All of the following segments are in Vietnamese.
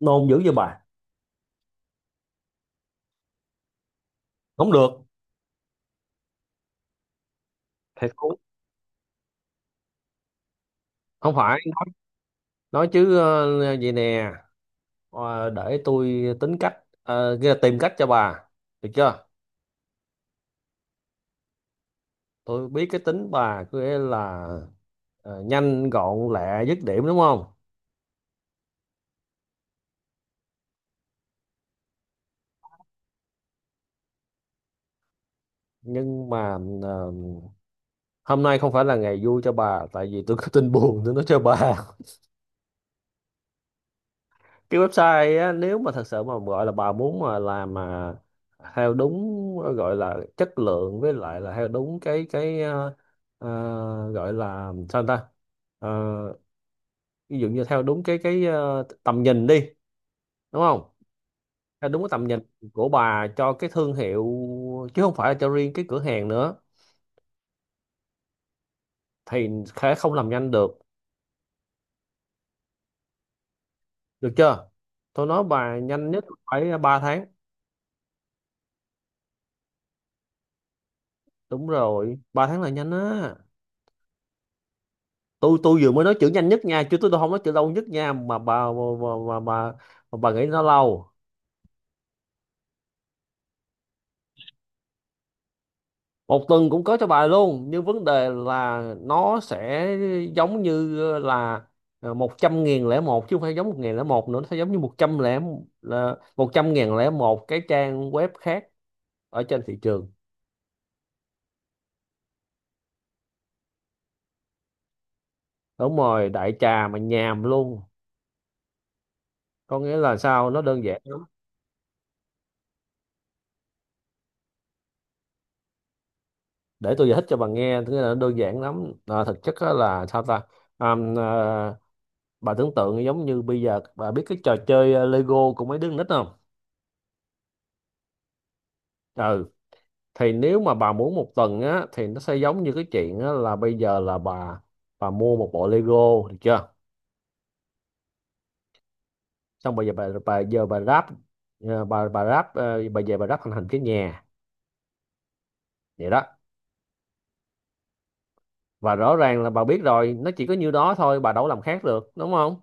Nôn dữ vậy bà? Không được. Không. Không phải. Nói chứ, vậy nè. Để tôi tính cách. Nghĩa là tìm cách cho bà. Được chưa? Tôi biết cái tính bà, có nghĩa là nhanh gọn lẹ dứt điểm đúng không. Nhưng mà ờ, hôm nay không phải là ngày vui cho bà, tại vì tôi có tin buồn tôi nói cho bà. Cái website á, nếu mà thật sự mà gọi là bà muốn mà làm mà theo đúng, gọi là chất lượng, với lại là theo đúng cái ờ, gọi là sao ta. Ờ, ví dụ như theo đúng cái tầm nhìn đi, đúng không? Theo đúng cái tầm nhìn của bà cho cái thương hiệu, chứ không phải là cho riêng cái cửa hàng nữa. Thì sẽ không làm nhanh được. Được chưa? Tôi nói bà nhanh nhất. Phải 3 tháng. Đúng rồi, 3 tháng là nhanh á. Tôi vừa mới nói chữ nhanh nhất nha, chứ tôi không nói chữ lâu nhất nha, mà bà nghĩ nó lâu. Một tuần cũng có cho bà luôn, nhưng vấn đề là nó sẽ giống như là 100.001, chứ không phải giống 1.001 nữa. Nó sẽ giống như một trăm lẻ, là 100.001 cái trang web khác ở trên thị trường. Đúng rồi, đại trà mà nhàm luôn. Có nghĩa là sao, nó đơn giản lắm. Để tôi giải thích cho bà nghe, thứ là nó đơn giản lắm à, thực chất á là sao ta. À, bà tưởng tượng giống như bây giờ bà biết cái trò chơi Lego của mấy đứa con nít không? Ừ. Thì nếu mà bà muốn một tuần á thì nó sẽ giống như cái chuyện á, là bây giờ là bà mua một bộ Lego, được chưa? Xong bây giờ bà giờ bà ráp, bà ráp, bà về bà ráp thành hình cái nhà, vậy đó. Và rõ ràng là bà biết rồi, nó chỉ có nhiêu đó thôi, bà đâu có làm khác được, đúng không?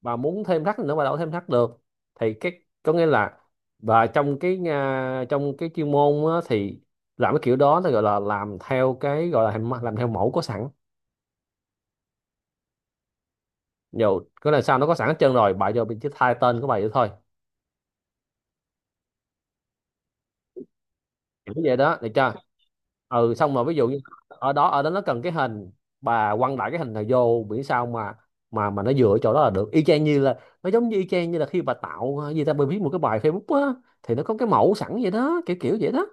Bà muốn thêm thắt nữa bà đâu có thêm thắt được. Thì cái, có nghĩa là, và trong cái, trong cái chuyên môn á, thì làm cái kiểu đó nó gọi là làm theo, cái gọi là làm theo mẫu có sẵn. Dù cái là sao, nó có sẵn hết trơn rồi, bà vô mình chỉ thay tên của bà vậy thôi. Kiểu vậy đó, được chưa? Ừ, xong rồi, ví dụ như. Ở đó ở đó nó cần cái hình. Bà quăng đại cái hình này vô, miễn sao mà nó dựa chỗ đó là được, y chang như là, nó giống như y chang như là khi bà tạo gì ta, bà viết một cái bài Facebook á, thì nó có cái mẫu sẵn vậy đó, kiểu kiểu vậy đó.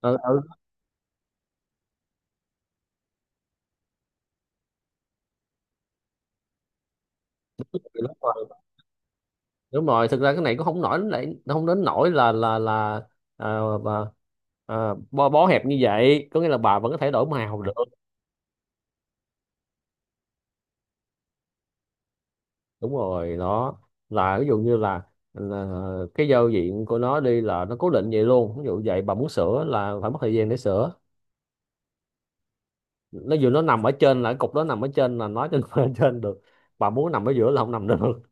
Ừ, ừ. Đúng rồi, đúng rồi, thực ra cái này cũng không nổi lại không đến nổi là bà, bó hẹp như vậy, có nghĩa là bà vẫn có thể đổi màu được. Đúng rồi đó. Là ví dụ như là cái giao diện của nó đi là nó cố định vậy luôn, ví dụ vậy bà muốn sửa là phải mất thời gian để sửa. Nó dù nó nằm ở trên là cái cục đó nằm ở trên, là nói trên ở trên được. Bà muốn nằm ở giữa là không nằm được.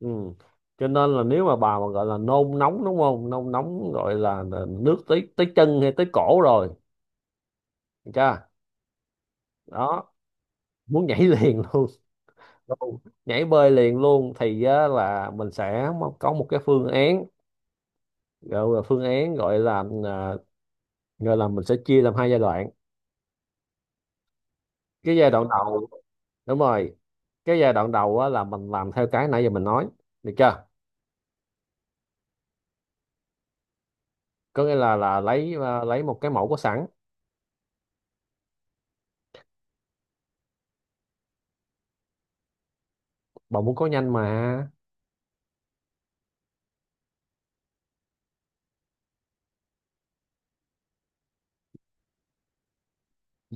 Ừ. Cho nên là nếu mà bà mà gọi là nôn nóng đúng không, nôn nóng gọi là nước tới tới chân hay tới cổ rồi. Được chưa? Đó. Muốn nhảy liền luôn. Luôn. Nhảy bơi liền luôn thì á, là mình sẽ có một cái phương án, gọi là phương án, gọi là gọi là mình sẽ chia làm hai giai đoạn. Cái giai đoạn đầu. Đúng rồi. Cái giai đoạn đầu á, là mình làm theo cái nãy giờ mình nói. Được chưa? Có nghĩa là lấy, lấy một cái mẫu có sẵn. Bà muốn có nhanh mà.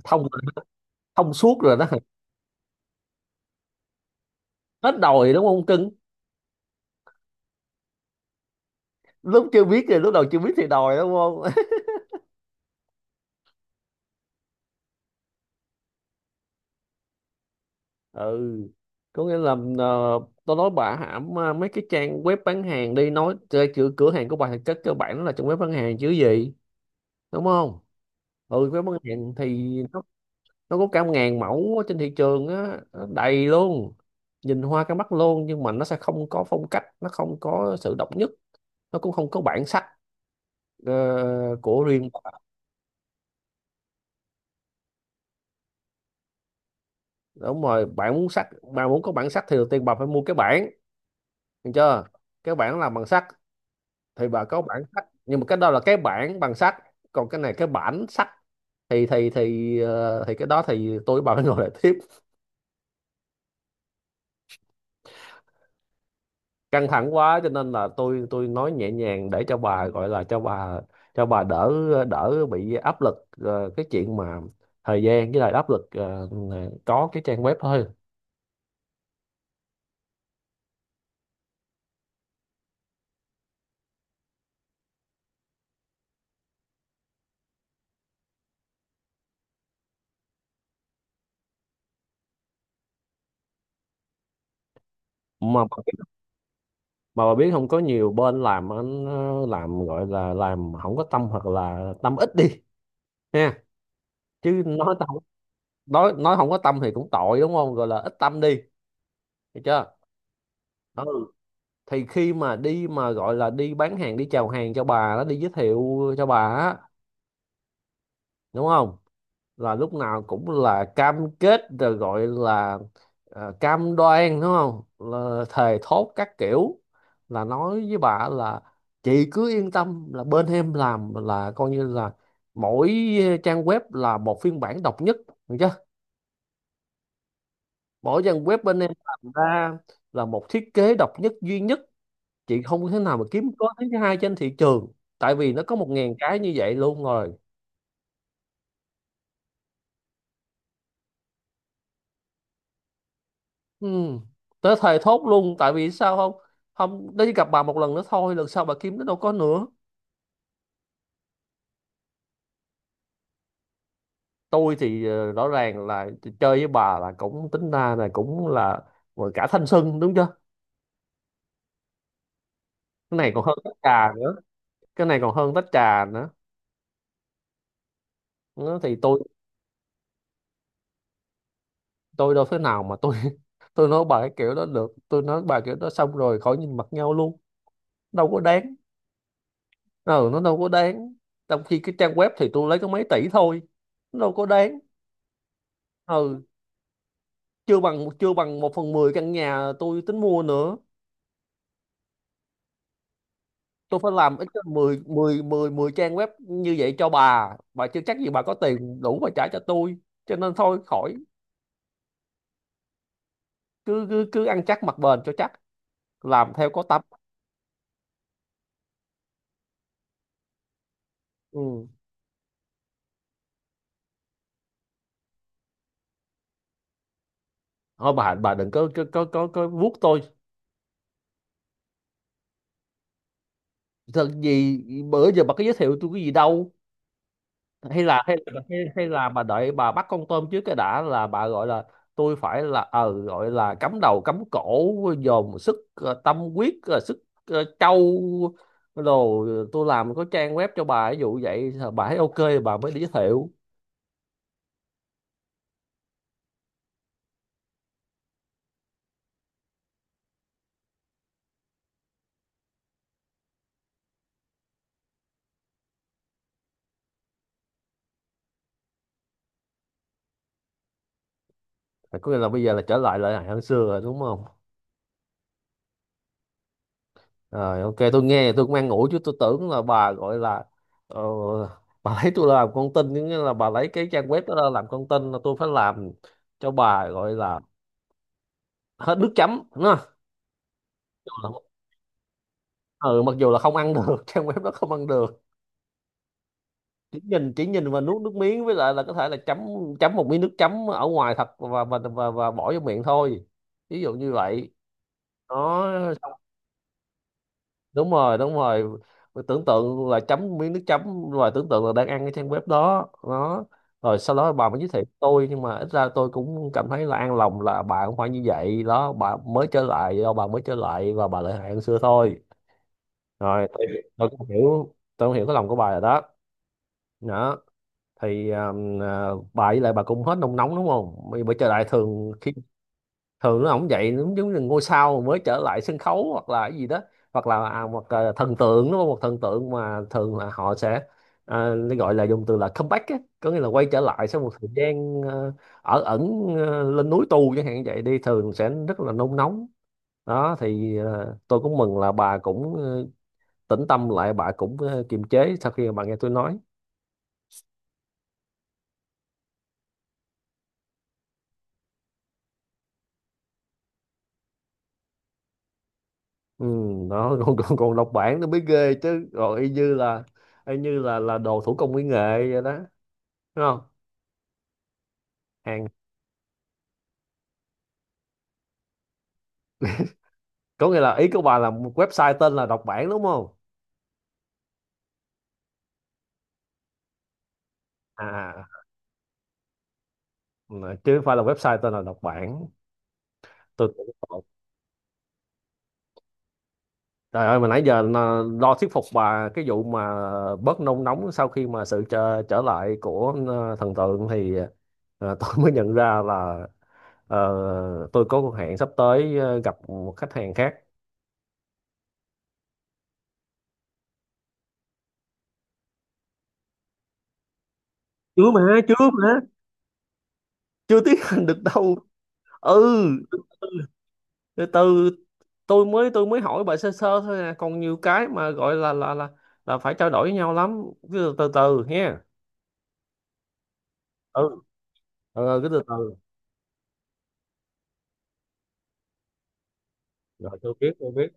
Thông. Thông suốt rồi đó. Hết đòi đúng không cưng? Lúc chưa biết thì, lúc đầu chưa biết thì đòi đúng không? Ừ. Có nghĩa là ờ, tôi nói bà hãm mấy cái trang web bán hàng đi, nói chơi cửa cửa hàng của bà thì chắc cơ bản nó là trong web bán hàng chứ gì. Đúng không? Ừ, web bán hàng thì nó có cả ngàn mẫu ở trên thị trường á, nó đầy luôn. Nhìn hoa cả mắt luôn, nhưng mà nó sẽ không có phong cách, nó không có sự độc nhất. Nó cũng không có bản sắc, ờ, của riêng bà. Đúng rồi, bạn muốn sắc. Bạn muốn có bản sắc thì đầu tiên bà phải mua cái bản. Được chưa? Cái bản làm bằng sắt. Thì bà có bản sách, nhưng mà cái đó là cái bản bằng sách. Còn cái này cái bản sách. Thì cái đó thì tôi với bà phải ngồi lại tiếp. Căng thẳng quá, cho nên là tôi nói nhẹ nhàng để cho bà, gọi là cho bà, đỡ. Đỡ bị áp lực, cái chuyện mà. Thời gian với lại áp lực, có cái trang web thôi. Mà bà biết, mà bà biết không có nhiều bên làm anh làm, gọi là làm không có tâm hoặc là tâm ít đi. Ha. Chứ nói tâm. Nói không có tâm thì cũng tội đúng không, gọi là ít tâm đi. Được chưa? Ừ. Thì khi mà đi mà gọi là đi bán hàng, đi chào hàng cho bà đó, đi giới thiệu cho bà á. Đúng không? Là lúc nào cũng là cam kết rồi, gọi là cam đoan đúng không. Là thề thốt các kiểu. Là nói với bà là. Chị cứ yên tâm là bên em làm là coi như là. Mỗi trang web là một phiên bản độc nhất, được chưa? Mỗi trang web bên em làm ra. Là một thiết kế độc nhất duy nhất. Chị không thể nào mà kiếm có thứ hai trên thị trường. Tại vì nó có 1.000 cái như vậy luôn rồi. Ừ. Tới thề thốt luôn, tại vì sao không. Không đấy, gặp bà một lần nữa thôi, lần sau bà kiếm nó đâu có nữa. Tôi thì rõ ràng là. Chơi với bà là cũng tính ra là cũng là. Gọi cả thanh xuân, đúng chưa? Cái này còn hơn tách trà nữa. Cái này còn hơn tách trà nữa. Nó thì tôi. Tôi đâu thế nào mà tôi tôi nói bà cái kiểu đó được, tôi nói bà kiểu đó xong rồi khỏi nhìn mặt nhau luôn. Đâu có đáng. Ừ, nó đâu có đáng. Trong khi cái trang web thì tôi lấy có mấy tỷ thôi. Nó đâu có đáng. Ừ. Chưa bằng 1/10 căn nhà tôi tính mua nữa. Tôi phải làm ít nhất mười mười mười mười trang web như vậy cho bà. Bà chưa chắc gì bà có tiền đủ mà trả cho tôi. Cho nên thôi khỏi. Cứ cứ cứ ăn chắc mặc bền cho chắc. Làm theo có tâm. Ừ. Thôi, bà đừng có vuốt tôi. Thật gì. Bữa giờ bà có giới thiệu tôi cái gì đâu. Hay là bà đợi bà bắt con tôm trước cái đã, là bà gọi là. Tôi phải là gọi là cắm đầu cắm cổ dồn sức, tâm huyết, sức. Trau. Rồi tôi làm có trang web cho bà, ví dụ vậy bà thấy ok. Bà mới đi giới thiệu. Có nghĩa là bây giờ là trở lại lại hơn xưa rồi đúng không? Rồi ok, tôi nghe tôi cũng an ủi, chứ tôi tưởng là bà gọi là. ờ, bà lấy tôi làm con tin, nghĩa là bà lấy cái trang web đó ra làm con tin, là tôi phải làm. Cho bà, gọi là. Hết nước chấm đúng không? Ừ, mặc dù là không ăn được trang web đó không ăn được. Chỉ nhìn chỉ nhìn và nuốt nước miếng, với lại là có thể là chấm. Chấm một miếng nước chấm ở ngoài thật, và bỏ vô miệng thôi. Ví dụ như vậy. Đó. Đúng rồi, đúng rồi. Tưởng tượng là chấm miếng nước chấm rồi tưởng tượng là đang ăn cái trang web đó đó. Rồi sau đó bà mới giới thiệu tôi, nhưng mà ít ra tôi cũng cảm thấy là an lòng là bà không phải như vậy đó, bà mới trở lại, do bà mới trở lại và bà lại hại hơn xưa thôi. Rồi tôi cũng hiểu, tôi cũng hiểu cái lòng của bà rồi đó. Đó. Thì bà với lại bà cũng hết nôn nóng đúng không, bởi bởi trở lại thường khi. Thường nó ổng vậy, giống giống như ngôi sao mới trở lại sân khấu hoặc là cái gì đó. Hoặc là một, thần tượng, nó một thần tượng mà thường là họ sẽ. À, nó gọi là dùng từ là comeback á, có nghĩa là quay trở lại sau một thời gian ở ẩn. Lên núi tu chẳng hạn, vậy đi thường sẽ rất là nôn nóng. Đó thì tôi cũng mừng là bà cũng tĩnh tâm lại, bà cũng kiềm chế sau khi mà bà nghe tôi nói. Ừ. Đó còn còn, còn đọc bản nó mới ghê chứ, rồi y như là. Y như là đồ thủ công mỹ nghệ vậy đó. Đúng không? Hàng. Có nghĩa là ý của bà là một website tên là đọc bản đúng không? À à. Ừ. Chứ không phải là website tên là đọc bản. Tôi tưởng lộn. Trời ơi, mà nãy giờ lo thuyết phục bà cái vụ mà. Bớt nôn nóng sau khi mà sự trở lại của thần tượng thì. Tôi mới nhận ra là. ờ, tôi có cuộc hẹn sắp tới gặp một khách hàng khác. Chưa mà. Chưa mà. Chưa tiến hành được đâu. Ừ. Từ từ. Tôi mới hỏi bà sơ sơ thôi à, còn nhiều cái mà gọi là là phải trao đổi với nhau lắm. Cứ từ từ nha. Ừ. Ừ, cứ từ từ. Rồi tôi biết tôi biết.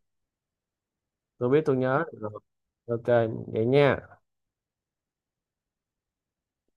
Tôi biết tôi nhớ rồi. Ok. Vậy nha.